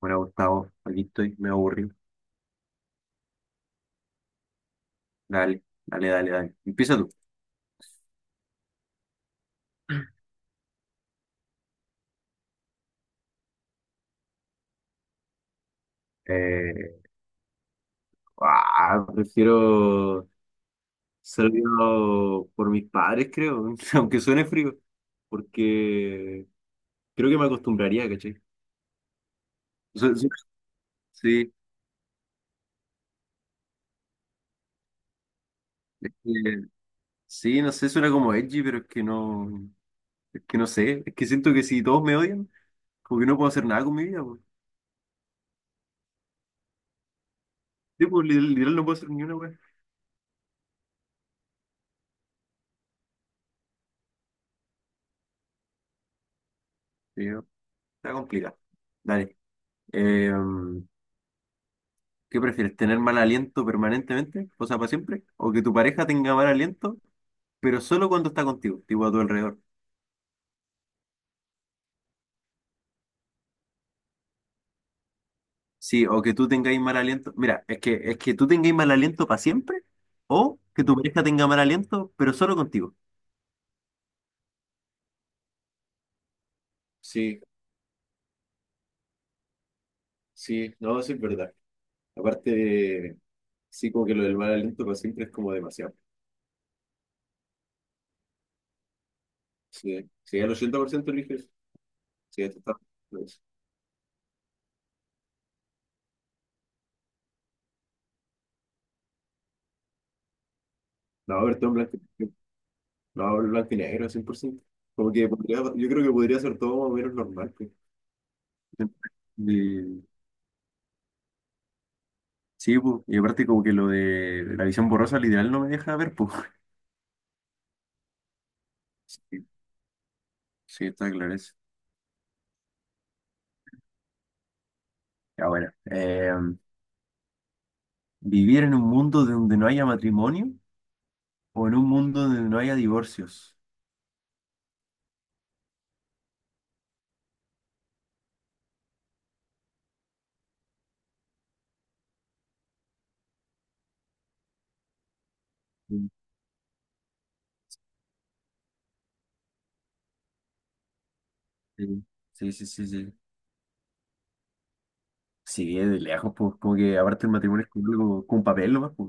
Bueno, Gustavo, aquí estoy, me aburrí. Dale, dale, dale, dale. Empieza tú. Eh, ah, prefiero ser criado por mis padres, creo, aunque suene frío, porque creo que me acostumbraría, ¿cachai? O sea, sí, sí, eh, sí, no sé, suena como edgy, pero es que no sé, es que siento que si todos me odian, como que no puedo hacer nada con mi vida, pues. Sí, pues, literal, literal no puedo hacer ni una, weá. Sí, no, está complicado. Dale. Eh, ¿Qué prefieres? ¿Tener mal aliento permanentemente? O sea, para siempre. ¿O que tu pareja tenga mal aliento, pero solo cuando está contigo, tipo a tu alrededor? Sí, o que tú tengáis mal aliento. Mira, es que tú tengáis mal aliento para siempre, o que tu pareja tenga mal aliento, pero solo contigo. Sí, sí, no, sí es verdad. Aparte, sí, como que lo del mal aliento para siempre es como demasiado. Sí, sí, el 80% eliges. Sí, esto está. No, a ver, todo en blanco. No, hablo blanco y negro, 100%. Como que podría, yo creo que podría ser todo más o menos normal, pues. Y- sí, pues, y aparte como que lo de la visión borrosa literal no me deja ver, pues. Sí, sí, está claro eso. Ya bueno, ¿vivir en un mundo donde no haya matrimonio o en un mundo donde no haya divorcios? Mm. Sí, sí, sí, sí. Sí, sí, de lejos, pues como que aparte el matrimonio es como, como un papel, nomás, pues.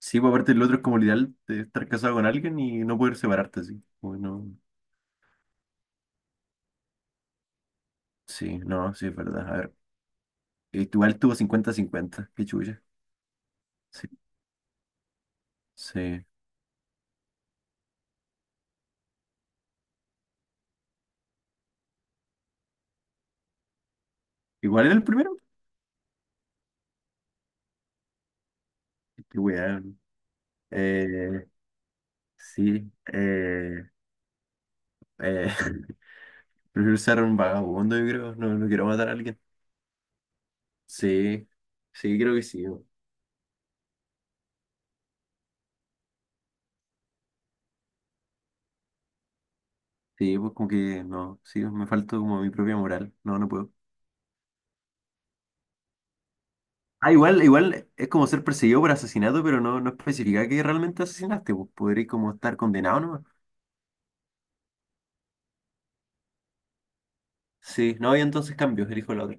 Sí, pues aparte el otro es como el ideal de estar casado con alguien y no poder separarte así. Bueno, sí, no, sí, es verdad. A ver, igual tuvo 50-50 qué chulla. Sí, sí. ¿Igual era el primero? Qué weón. Eh, sí, eh, prefiero ser un vagabundo, yo creo. No, no quiero matar a alguien. Sí, sí, creo que sí, bo. Sí, pues como que no, sí, me falta como mi propia moral. No, no puedo. Ah, igual, igual es como ser perseguido por asesinato, pero no, no especifica que realmente asesinaste, pues podrías como estar condenado nomás. Sí, no, y entonces cambio, elijo la otra.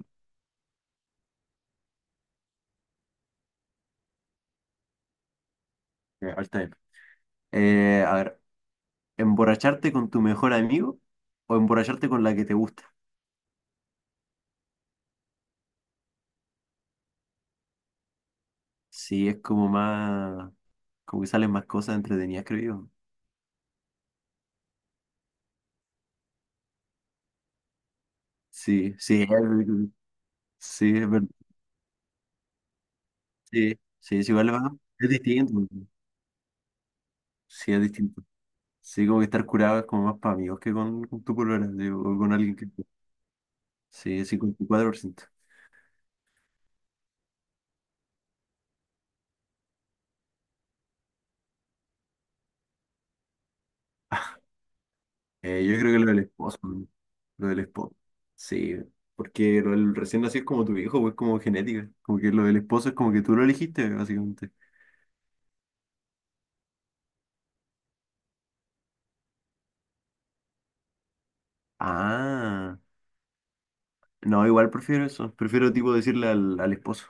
Ya, está bien. A ver, ¿emborracharte con tu mejor amigo o emborracharte con la que te gusta? Sí, es como más, como que salen más cosas entretenidas, creo yo. Sí, sí, sí, es verdad. Sí, sí, es igual, va, es distinto. Sí, es distinto. Sí, como que estar curado es como más para amigos que con tu polola, digo, o con alguien que... Sí, 54%. Yo creo que lo del esposo, ¿no? Lo del esposo. Sí, porque lo del recién nacido es como tu hijo, pues como genética. Como que lo del esposo es como que tú lo elegiste, básicamente. Ah, no, igual prefiero eso. Prefiero tipo decirle al esposo.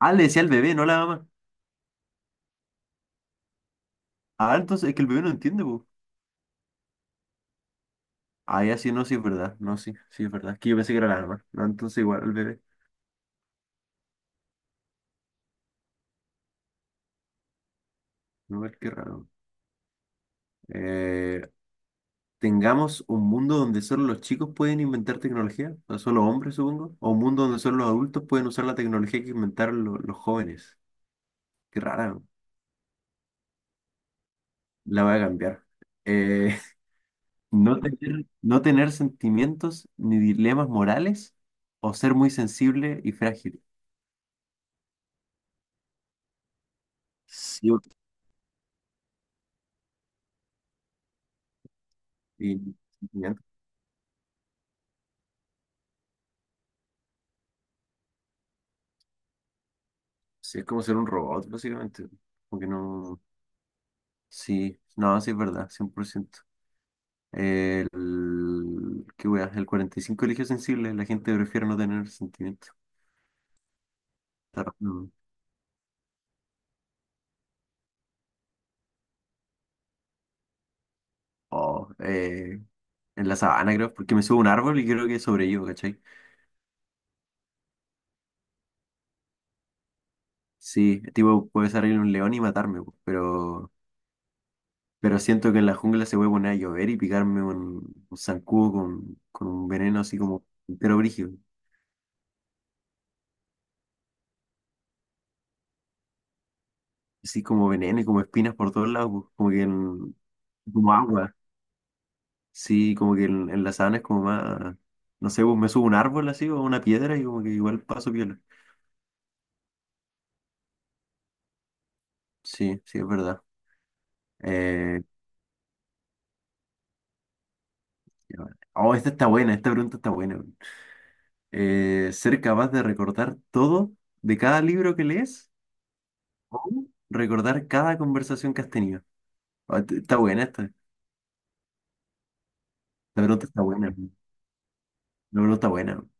Ah, le decía al bebé, no a la mamá. Ah, entonces es que el bebé no entiende, pues. Ah, ya sí, no, sí es verdad. No, sí, sí es verdad. Es que yo pensé que era la mamá. No, entonces igual al bebé. No, es que raro. Eh, tengamos un mundo donde solo los chicos pueden inventar tecnología, o solo hombres, supongo, o un mundo donde solo los adultos pueden usar la tecnología que inventaron los jóvenes. Qué rara, ¿no? La voy a cambiar. Eh, no tener sentimientos ni dilemas morales o ser muy sensible y frágil. Sí, y sí, es como ser un robot, básicamente. Porque no. Sí, no, sí es verdad, 100%. Qué wea, el 45 eligió sensible, la gente prefiere no tener sentimiento. Está raro, ¿no? O, en la sabana, creo, porque me subo a un árbol y creo que sobrevivo, ¿cachai? Sí, tipo, puede salir un león y matarme, po, pero siento que en la jungla se puede poner a llover y picarme un zancudo con un veneno así como, pero brígido, así como veneno y como espinas por todos lados, po, como que en- como agua. Sí, como que en la sabana es como más, no sé, pues me subo a un árbol así o a una piedra y como que igual paso piola. Sí, sí, es verdad. Eh, ya va. Oh, esta está buena, esta pregunta está buena, weón. ¿Ser capaz de recordar todo de cada libro que lees o recordar cada conversación que has tenido? Ah, está buena esta, la pregunta está buena, weón. La pregunta está buena, weón.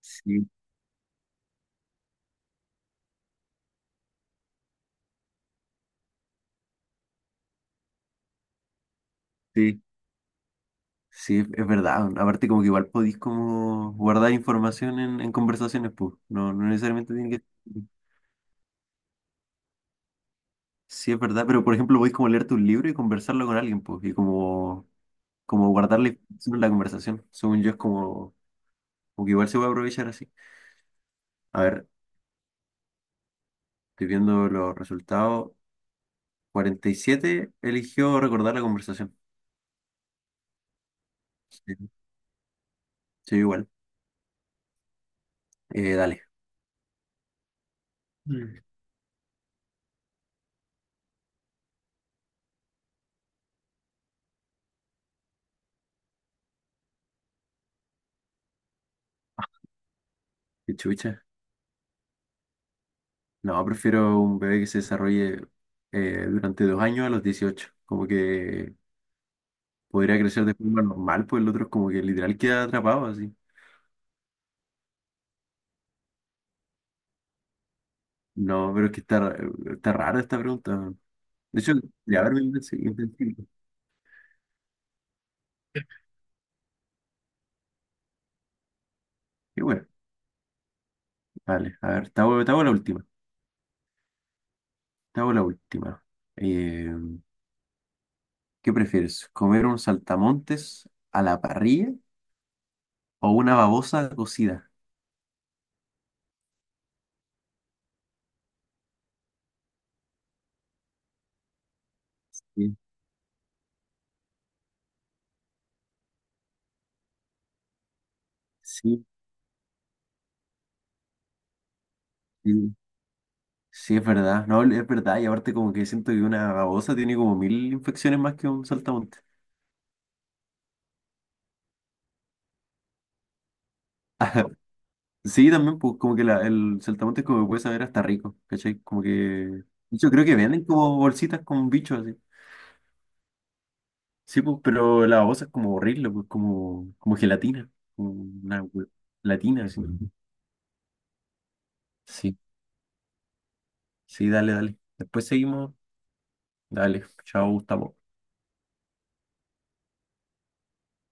Sí, sí, sí, es verdad, weón. Aparte como que igual podéis como guardar información en conversaciones, pues, no, no necesariamente tiene que... Sí, es verdad, pero por ejemplo, podéis como leerte un libro y conversarlo con alguien, pues, y como, como guardar la información en la conversación. Según yo, es como, como que igual se puede aprovechar así. A ver, estoy viendo los resultados. 47 eligió recordar la conversación. Sí, sí, igual. Dale. Mm. Qué chucha. No, prefiero un bebé que se desarrolle durante 2 años a los 18. Como que podría crecer de forma normal, pues el otro es como que literal queda atrapado así. No, pero es que está, está rara esta pregunta. De hecho, de haber vivido en Sevilla, en principio. Y bueno, vale, a ver, te hago la última. Te hago la última. Eh, ¿Qué prefieres? ¿Comer un saltamontes a la parrilla o una babosa cocida? Sí, sí, sí. Sí, es verdad. No, es verdad. Y aparte como que siento que una babosa tiene como mil infecciones más que un saltamontes. Sí, también, pues como que el saltamontes como que puede saber hasta rico, ¿cachai? Como que... De hecho, creo que venden como bolsitas con bichos así. Sí, pues, pero la babosa es como horrible, pues, como gelatina, como una gelatina, así. Sí. Sí, dale, dale. Después seguimos. Dale, chao, Gustavo.